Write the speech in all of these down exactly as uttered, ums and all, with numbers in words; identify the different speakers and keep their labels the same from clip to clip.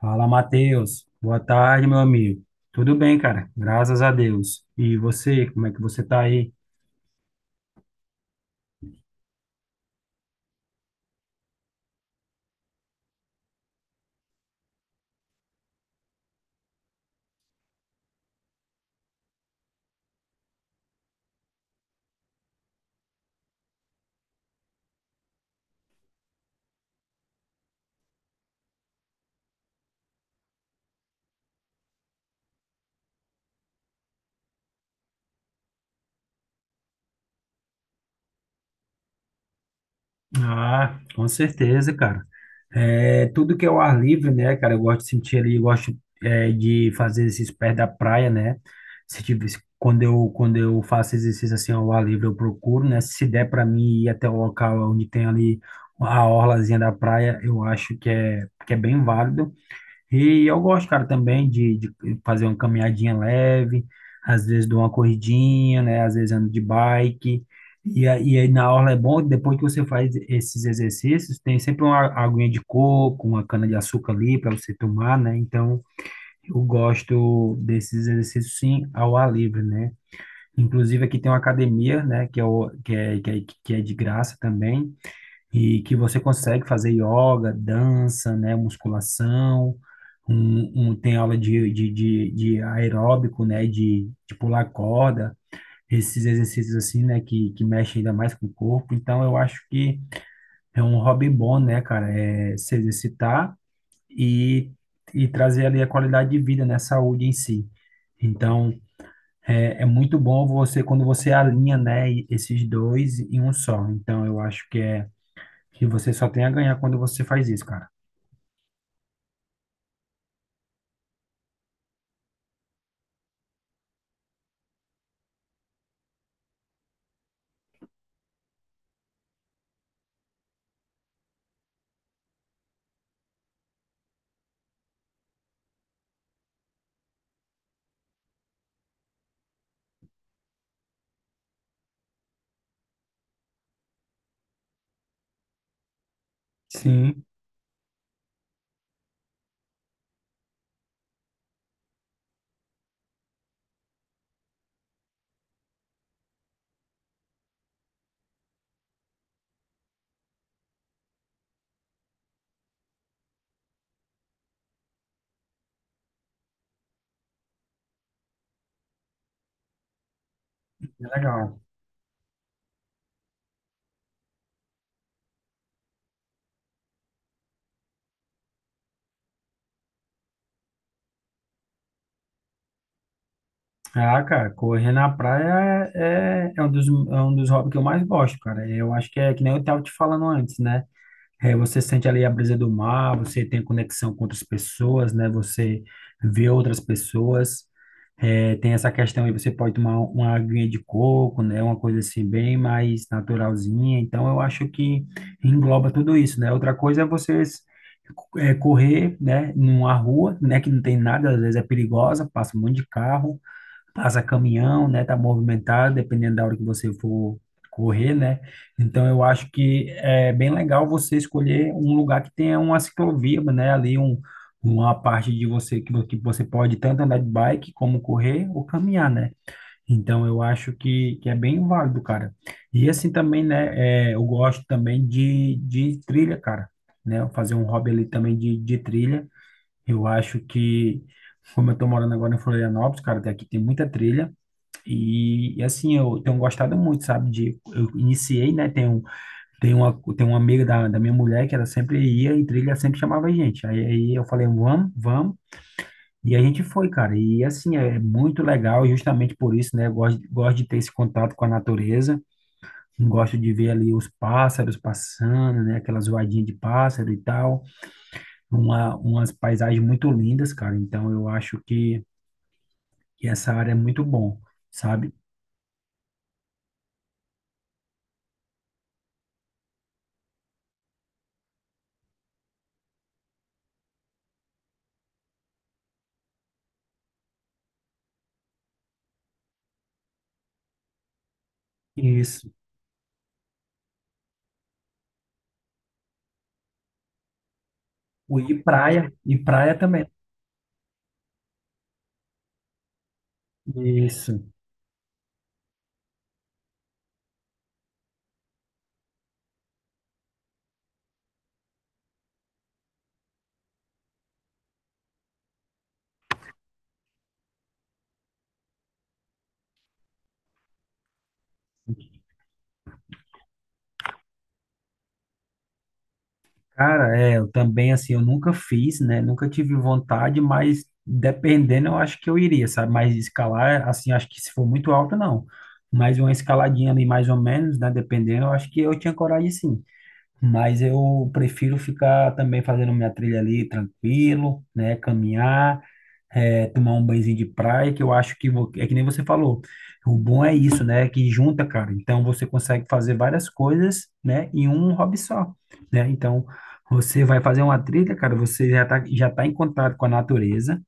Speaker 1: Fala, Matheus. Boa tarde, meu amigo. Tudo bem, cara? Graças a Deus. E você, como é que você tá aí? Ah, com certeza, cara. É, tudo que é o ar livre, né, cara? Eu gosto de sentir ali, eu gosto é, de fazer exercício perto da praia, né? Se tiver, se- Quando eu, quando eu faço exercício assim ao ar livre, eu procuro, né? Se der para mim ir até o local onde tem ali a orlazinha da praia, eu acho que é, que é bem válido. E eu gosto, cara, também de, de fazer uma caminhadinha leve, às vezes dou uma corridinha, né? Às vezes ando de bike. E, aí- e aí na orla é bom, depois que você faz esses exercícios, tem sempre uma aguinha de coco, uma cana-de-açúcar ali para você tomar, né? Então, eu gosto desses exercícios, sim, ao ar livre, né? Inclusive, aqui tem uma academia, né? Que é, o- que é, que é, que é de graça também e que você consegue fazer yoga, dança, né, musculação, um, um- tem aula de, de, de, de aeróbico, né, de, de pular corda, esses exercícios assim, né, que, que mexem ainda mais com o corpo. Então, eu acho que é um hobby bom, né, cara, é se exercitar e, e trazer ali a qualidade de vida, né, saúde em si. Então, é, é muito bom você, quando você alinha, né, esses dois em um só. Então, eu acho que é que você só tem a ganhar quando você faz isso, cara. Sim, é legal. Ah, cara, correr na praia é, é é um dos, é um dos hobbies que eu mais gosto, cara. Eu acho que é que nem eu estava te falando antes, né? É, você sente ali a brisa do mar, você tem conexão com outras pessoas, né? Você vê outras pessoas. É, tem essa questão aí, você pode tomar uma aguinha de coco, né? Uma coisa assim bem mais naturalzinha. Então, eu acho que engloba tudo isso, né? Outra coisa é você é, correr, né? Numa rua, né? Que não tem nada, às vezes é perigosa, passa um monte de carro passa caminhão, né? Tá movimentado, dependendo da hora que você for correr, né? Então eu acho que é bem legal você escolher um lugar que tenha uma ciclovia, né? Ali um, uma parte de você que, vo- que você pode tanto andar de bike como correr ou caminhar, né? Então eu acho que, que é bem válido, cara. E assim também, né? É, eu gosto também de, de trilha, cara. Né? Fazer um hobby ali também de, de trilha. Eu acho que, como eu tô morando agora em Florianópolis, cara, daqui tem muita trilha. E, e, assim, eu tenho gostado muito, sabe? De, eu iniciei, né? Tem, um, tem, uma, tem uma amiga da, da minha mulher que ela sempre ia em trilha, sempre chamava a gente. Aí, aí eu falei, vamos, vamos. E a gente foi, cara. E assim, é muito legal, e justamente por isso, né? Eu gosto, gosto de ter esse contato com a natureza. Gosto de ver ali os pássaros passando, né? Aquelas zoadinhas de pássaro e tal. Uma, umas paisagens muito lindas, cara. Então eu acho que, que essa área é muito bom, sabe? Isso. O- E praia, e praia também. Isso. Cara, é, eu também, assim, eu nunca fiz, né? Nunca tive vontade, mas dependendo, eu acho que eu iria, sabe? Mas escalar, assim, acho que se for muito alto, não. Mas uma escaladinha ali, mais ou menos, né? Dependendo, eu acho que eu tinha coragem, sim. Mas eu prefiro ficar também fazendo minha trilha ali, tranquilo, né? Caminhar. É, tomar um banhozinho de praia, que eu acho que vo- é que nem você falou. O bom é isso, né? Que junta, cara. Então você consegue fazer várias coisas, né? Em um hobby só, né? Então você vai fazer uma trilha, cara. Você já tá, já tá em contato com a natureza,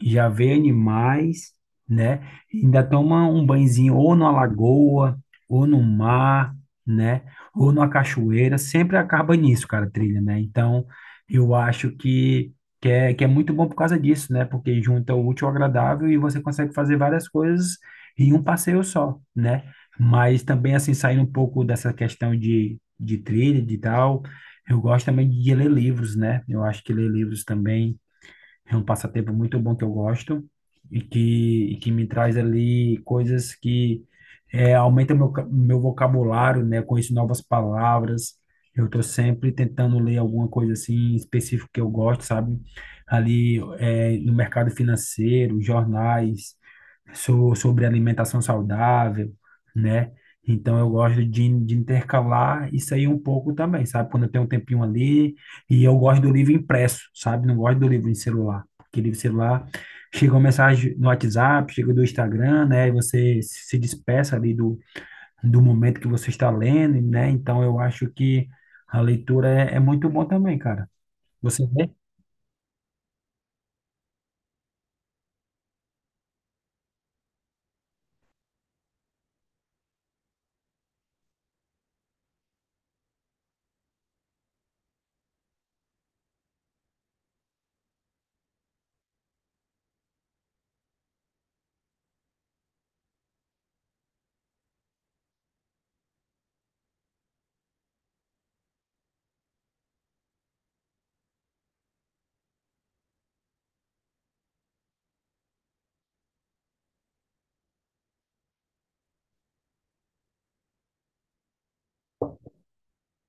Speaker 1: já vê animais, né? Ainda toma um banhozinho ou numa lagoa, ou no mar, né? Ou numa cachoeira, sempre acaba nisso, cara, a trilha, né? Então, eu acho que, que, é, que é muito bom por causa disso, né? Porque junta o útil ao agradável e você consegue fazer várias coisas em um passeio só, né? Mas também, assim, saindo um pouco dessa questão de, de trilha, de tal, eu gosto também de ler livros, né? Eu acho que ler livros também é um passatempo muito bom que eu gosto e que, e que me traz ali coisas que é, aumenta meu, ca- meu vocabulário, né? Eu conheço novas palavras. Eu estou sempre tentando ler alguma coisa assim específica que eu gosto, sabe? Ali é, no mercado financeiro, jornais, sou sobre alimentação saudável, né? Então eu gosto de, de intercalar isso aí um pouco também, sabe? Quando eu tenho um tempinho ali, e eu gosto do livro impresso, sabe? Não gosto do livro em celular, porque livro em celular chega uma mensagem no WhatsApp, chega do Instagram, né? E você se despeça ali do, do momento que você está lendo, né? Então eu acho que a leitura é, é muito bom também, cara. Você vê?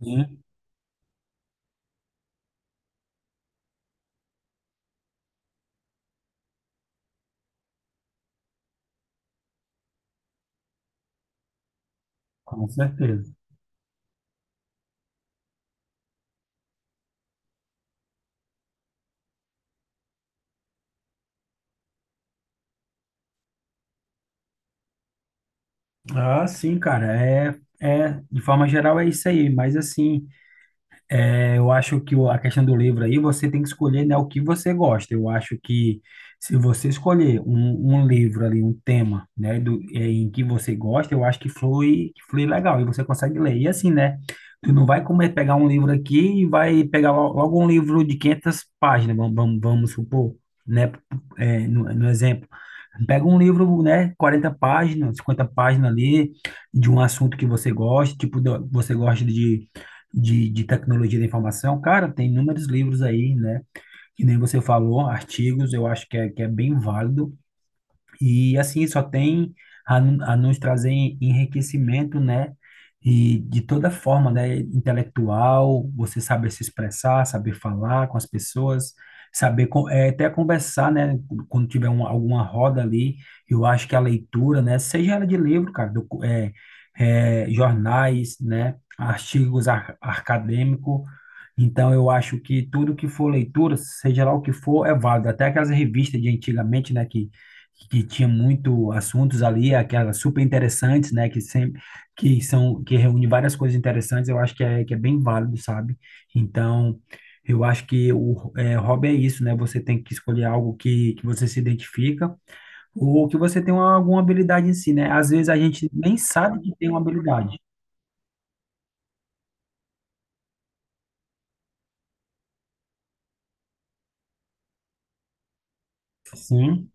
Speaker 1: Sim, com certeza. Ah, sim, cara, é, é, de forma geral é isso aí, mas assim, é, eu acho que o- a questão do livro aí, você tem que escolher, né, o que você gosta. Eu acho que se você escolher um, um livro ali, um tema, né, do, é, em que você gosta, eu acho que flui, que flui legal e você consegue ler. E assim, né, tu não vai comer, pegar um livro aqui e vai pegar lo- logo um livro de quinhentas páginas, vamos, vamos, vamos supor, né, é, no, no exemplo. Pega um livro, né, quarenta páginas, cinquenta páginas ali, de um assunto que você gosta, tipo, do- você gosta de de, de tecnologia da informação, cara, tem inúmeros livros aí, né? Que nem você falou, artigos, eu acho que é, que é bem válido. E assim só tem a, a nos trazer enriquecimento, né? E de toda forma, né? Intelectual, você saber se expressar, saber falar com as pessoas, saber co- eh, até conversar, né? Quando tiver um, alguma roda ali, eu acho que a leitura, né? Seja ela de livro, cara, do, eh, eh, jornais, né? Artigos ar, acadêmicos. Então, eu acho que tudo que for leitura, seja lá o que for, é válido. Até aquelas revistas de antigamente, né? Que que tinha muito assuntos ali, aquelas super interessantes, né, que sempre que são que reúne várias coisas interessantes, eu acho que é que é bem válido, sabe? Então, eu acho que o é, hobby é isso, né? Você tem que escolher algo que, que você se identifica ou que você tem uma, alguma habilidade em si, né? Às vezes a gente nem sabe que tem uma habilidade. Sim,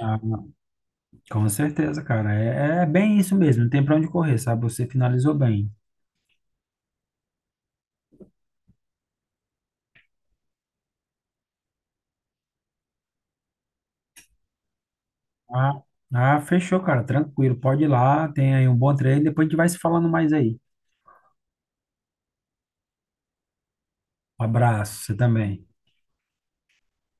Speaker 1: ah, com certeza, cara. É, é bem isso mesmo, não tem pra onde correr, sabe? Você finalizou bem. Ah, ah, fechou, cara. Tranquilo. Pode ir lá. Tenha aí um bom treino. Depois a gente vai se falando mais aí. Um abraço. Você também.